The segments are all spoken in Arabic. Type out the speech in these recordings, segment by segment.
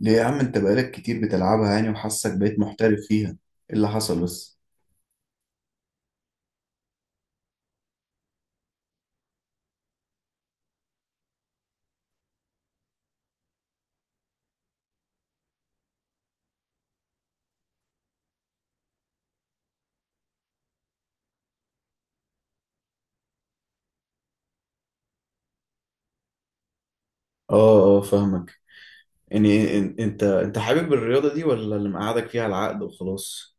ليه يا عم؟ انت بقالك كتير بتلعبها يعني، وحاسك بقيت محترف فيها، ايه اللي حصل بس؟ اه، اه، فاهمك. يعني انت حابب الرياضة دي ولا اللي مقعدك فيها العقد وخلاص؟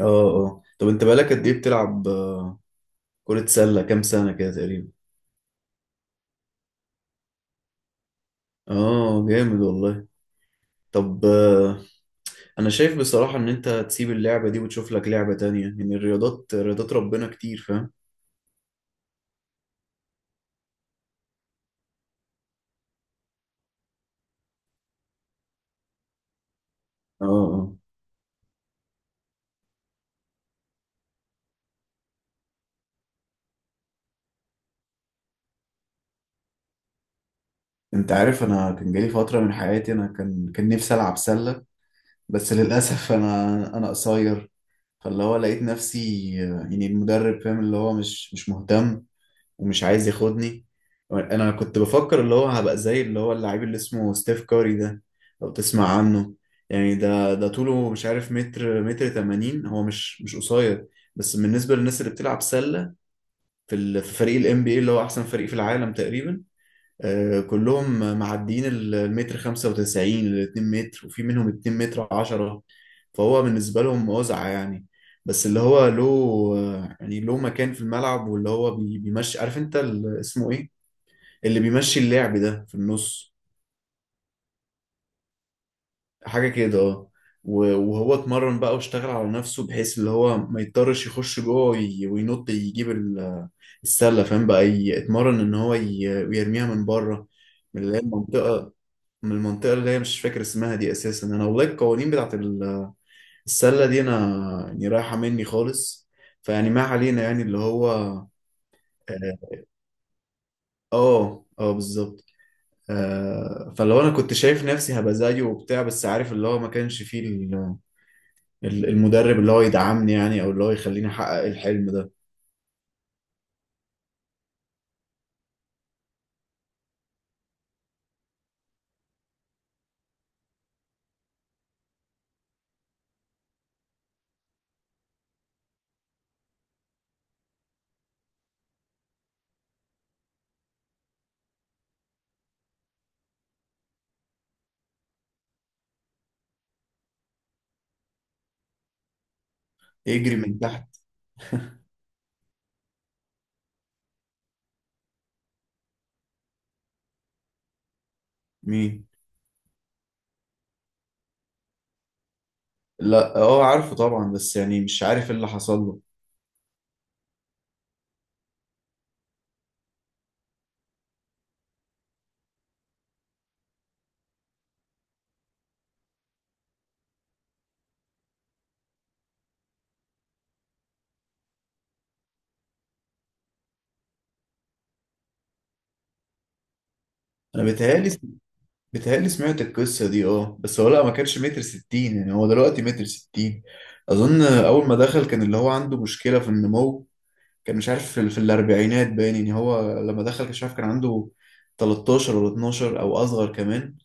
اه، اه، طب انت بقالك قد ايه بتلعب كرة سلة، كام سنة كده تقريبا؟ اه، جامد والله. طب انا شايف بصراحة ان انت تسيب اللعبة دي وتشوف لك لعبة تانية، يعني الرياضات، رياضات ربنا كتير، فاهم. اه، اه. انت عارف، انا كان جالي فترة من حياتي، انا كان نفسي العب سلة. بس للأسف أنا قصير. فاللي هو لقيت نفسي يعني المدرب، فاهم، اللي هو مش مهتم، ومش عايز ياخدني. أنا كنت بفكر اللي هو هبقى زي اللي هو اللاعب اللي اسمه ستيف كاري ده، لو تسمع عنه. يعني ده طوله مش عارف، متر 80، هو مش قصير، بس بالنسبة للناس اللي بتلعب سلة، في فريق ال NBA اللي هو أحسن فريق في العالم تقريبا. كلهم معديين المتر 95 لل 2 متر، وفي منهم 2 متر 10، فهو بالنسبة لهم وزعة يعني. بس اللي هو له يعني له مكان في الملعب، واللي هو بيمشي، عارف انت اسمه ايه، اللي بيمشي اللعب ده في النص، حاجة كده، اه. وهو اتمرن بقى واشتغل على نفسه، بحيث اللي هو ما يضطرش يخش جوه وينط يجيب السلة، فاهم، بقى اتمرن ان هو يرميها من بره، من اللي هي المنطقة، من المنطقة اللي هي مش فاكر اسمها دي أساسا، أنا والله القوانين بتاعت السلة دي أنا يعني رايحة مني خالص. فيعني ما علينا، يعني اللي هو آه، آه، بالظبط. آه، فلو أنا كنت شايف نفسي هبقى زيه وبتاع، بس عارف اللي هو ما كانش فيه المدرب اللي هو يدعمني، يعني أو اللي هو يخليني أحقق الحلم ده. يجري من تحت. مين؟ لا، آه، عارفه طبعا، بس يعني مش عارف إيه اللي حصل له. أنا بيتهيألي، بتهيألي سمعت القصة دي، اه، بس هو لا ما كانش متر ستين، يعني هو دلوقتي متر ستين. أظن أول ما دخل كان اللي هو عنده مشكلة في النمو، كان مش عارف في الأربعينات باين، يعني هو لما دخل كان مش عارف كان عنده 13 ولا 12 أو أصغر كمان.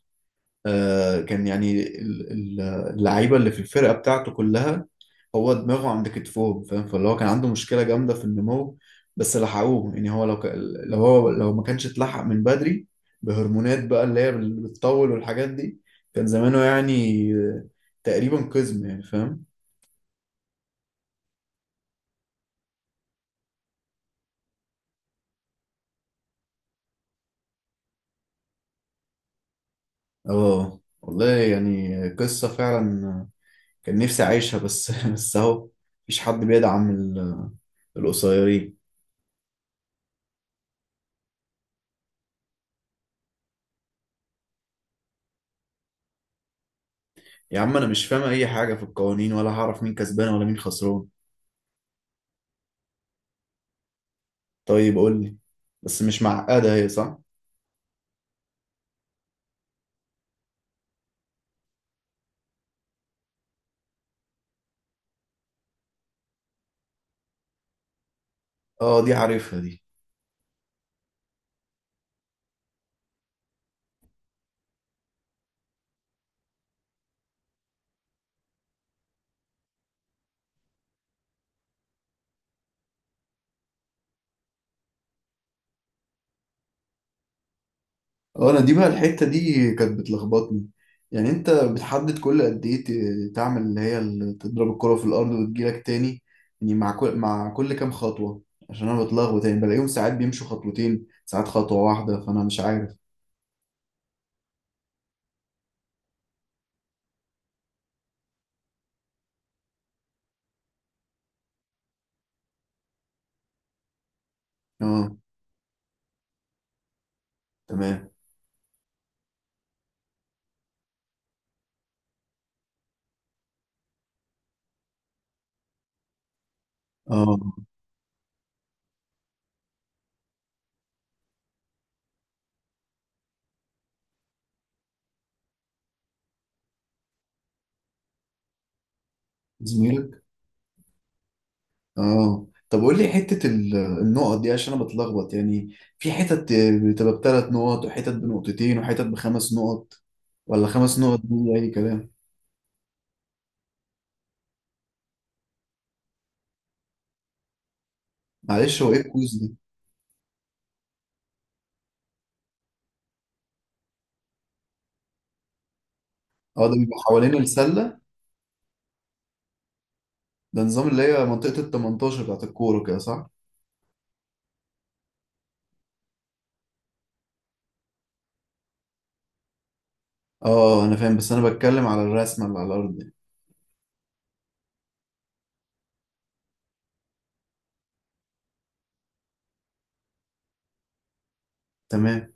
آه كان يعني اللعيبة اللي في الفرقة بتاعته كلها، هو دماغه عند كتفه، فاهم، فاللي هو كان عنده مشكلة جامدة في النمو. بس لحقوه، يعني هو لو ما كانش اتلحق من بدري بهرمونات بقى اللي هي بتطول والحاجات دي، كان زمانه يعني، تقريبا قزم يعني، فاهم. اه والله، يعني قصة فعلا، كان نفسي أعيشها، بس بس أهو، مفيش حد بيدعم القصيرين. يا عم، أنا مش فاهم أي حاجة في القوانين، ولا هعرف مين كسبان ولا مين خسران. طيب قول لي، بس مش معقدة هي، صح؟ اه، دي عارفها دي. اه، انا دي بقى الحتة دي كانت بتلخبطني. يعني انت بتحدد كل قد ايه تعمل اللي هي تضرب الكرة في الارض وتجيلك تاني؟ يعني مع كل كام خطوة؟ عشان انا بتلخبط، يعني بلاقيهم ساعات بيمشوا خطوتين، ساعات خطوة واحدة، فانا مش عارف. اه، تمام. اه، زميلك. اه، طب قول لي حتة النقط دي، عشان انا بتلخبط، يعني في حتت بتبقى بثلاث نقط، وحتت بنقطتين، وحتت بخمس نقط، ولا خمس نقط دي اي كلام؟ معلش، هو ايه الكويز؟ اه، ده بيبقى حوالين السلة. ده نظام اللي هي منطقة ال 18 بتاعت الكورة كده، صح؟ اه، انا فاهم، بس انا بتكلم على الرسمة اللي على الأرض يعني. تمام.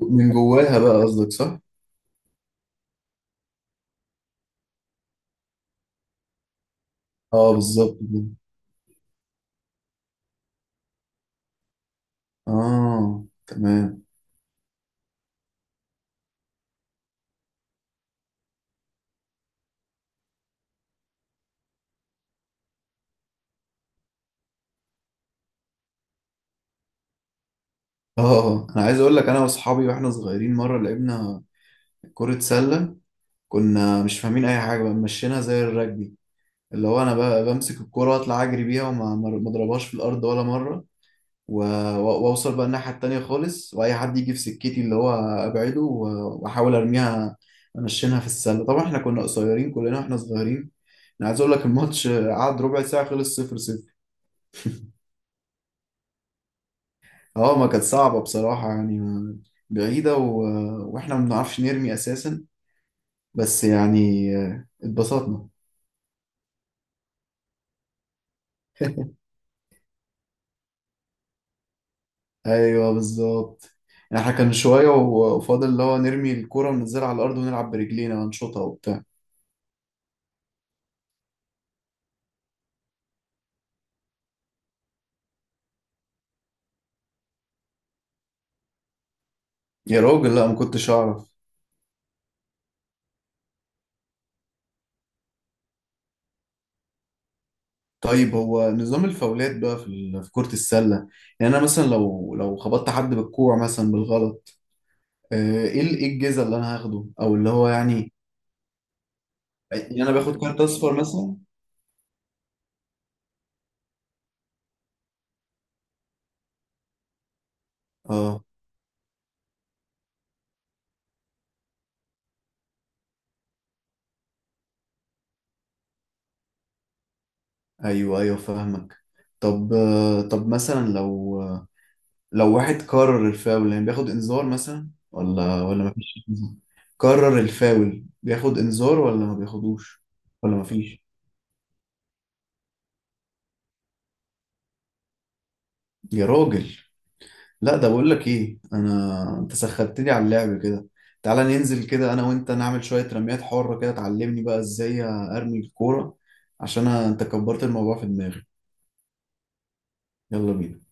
من جواها بقى قصدك، صح؟ اه بالظبط كده. اه، تمام. اه، انا عايز اقول لك، انا واصحابي واحنا صغيرين مرة لعبنا كرة سلة، كنا مش فاهمين اي حاجة، بقى مشينا زي الرجبي، اللي هو انا بقى بمسك الكرة، اطلع اجري بيها، وما ما اضربهاش في الارض ولا مرة، واوصل بقى الناحية التانية خالص، واي حد يجي في سكتي اللي هو ابعده، واحاول ارميها، انشنها في السلة. طبعا احنا كنا قصيرين كلنا واحنا صغيرين. انا عايز اقول لك، الماتش قعد ربع ساعة خلص صفر صفر. اه، ما كانت صعبة بصراحة يعني، بعيدة واحنا ما بنعرفش نرمي اساسا، بس يعني اتبسطنا. ايوه، بالظبط. يعني احنا كان شوية وفاضل اللي هو نرمي الكرة وننزلها على الارض ونلعب برجلينا ونشوطها وبتاع. يا راجل، لا، ما كنتش اعرف. طيب، هو نظام الفاولات بقى في كرة السلة، يعني أنا مثلا لو خبطت حد بالكوع مثلا بالغلط، إيه الجزا اللي أنا هاخده أو اللي هو يعني؟ يعني أنا باخد كارت أصفر مثلا؟ أه، أيوه، أيوه، فاهمك. طب طب مثلا، لو لو واحد كرر الفاول يعني بياخد إنذار مثلا ولا مفيش إنذار؟ كرر الفاول بياخد إنذار ولا ما بياخدوش، ولا مفيش. يا راجل، لا، ده بقول لك ايه، انا انت سخنتني على اللعب كده، تعالى ننزل كده انا وانت، نعمل شوية رميات حرة كده، تعلمني بقى ازاي ارمي الكورة. عشان انت كبرت الموضوع في دماغي. يلا بينا.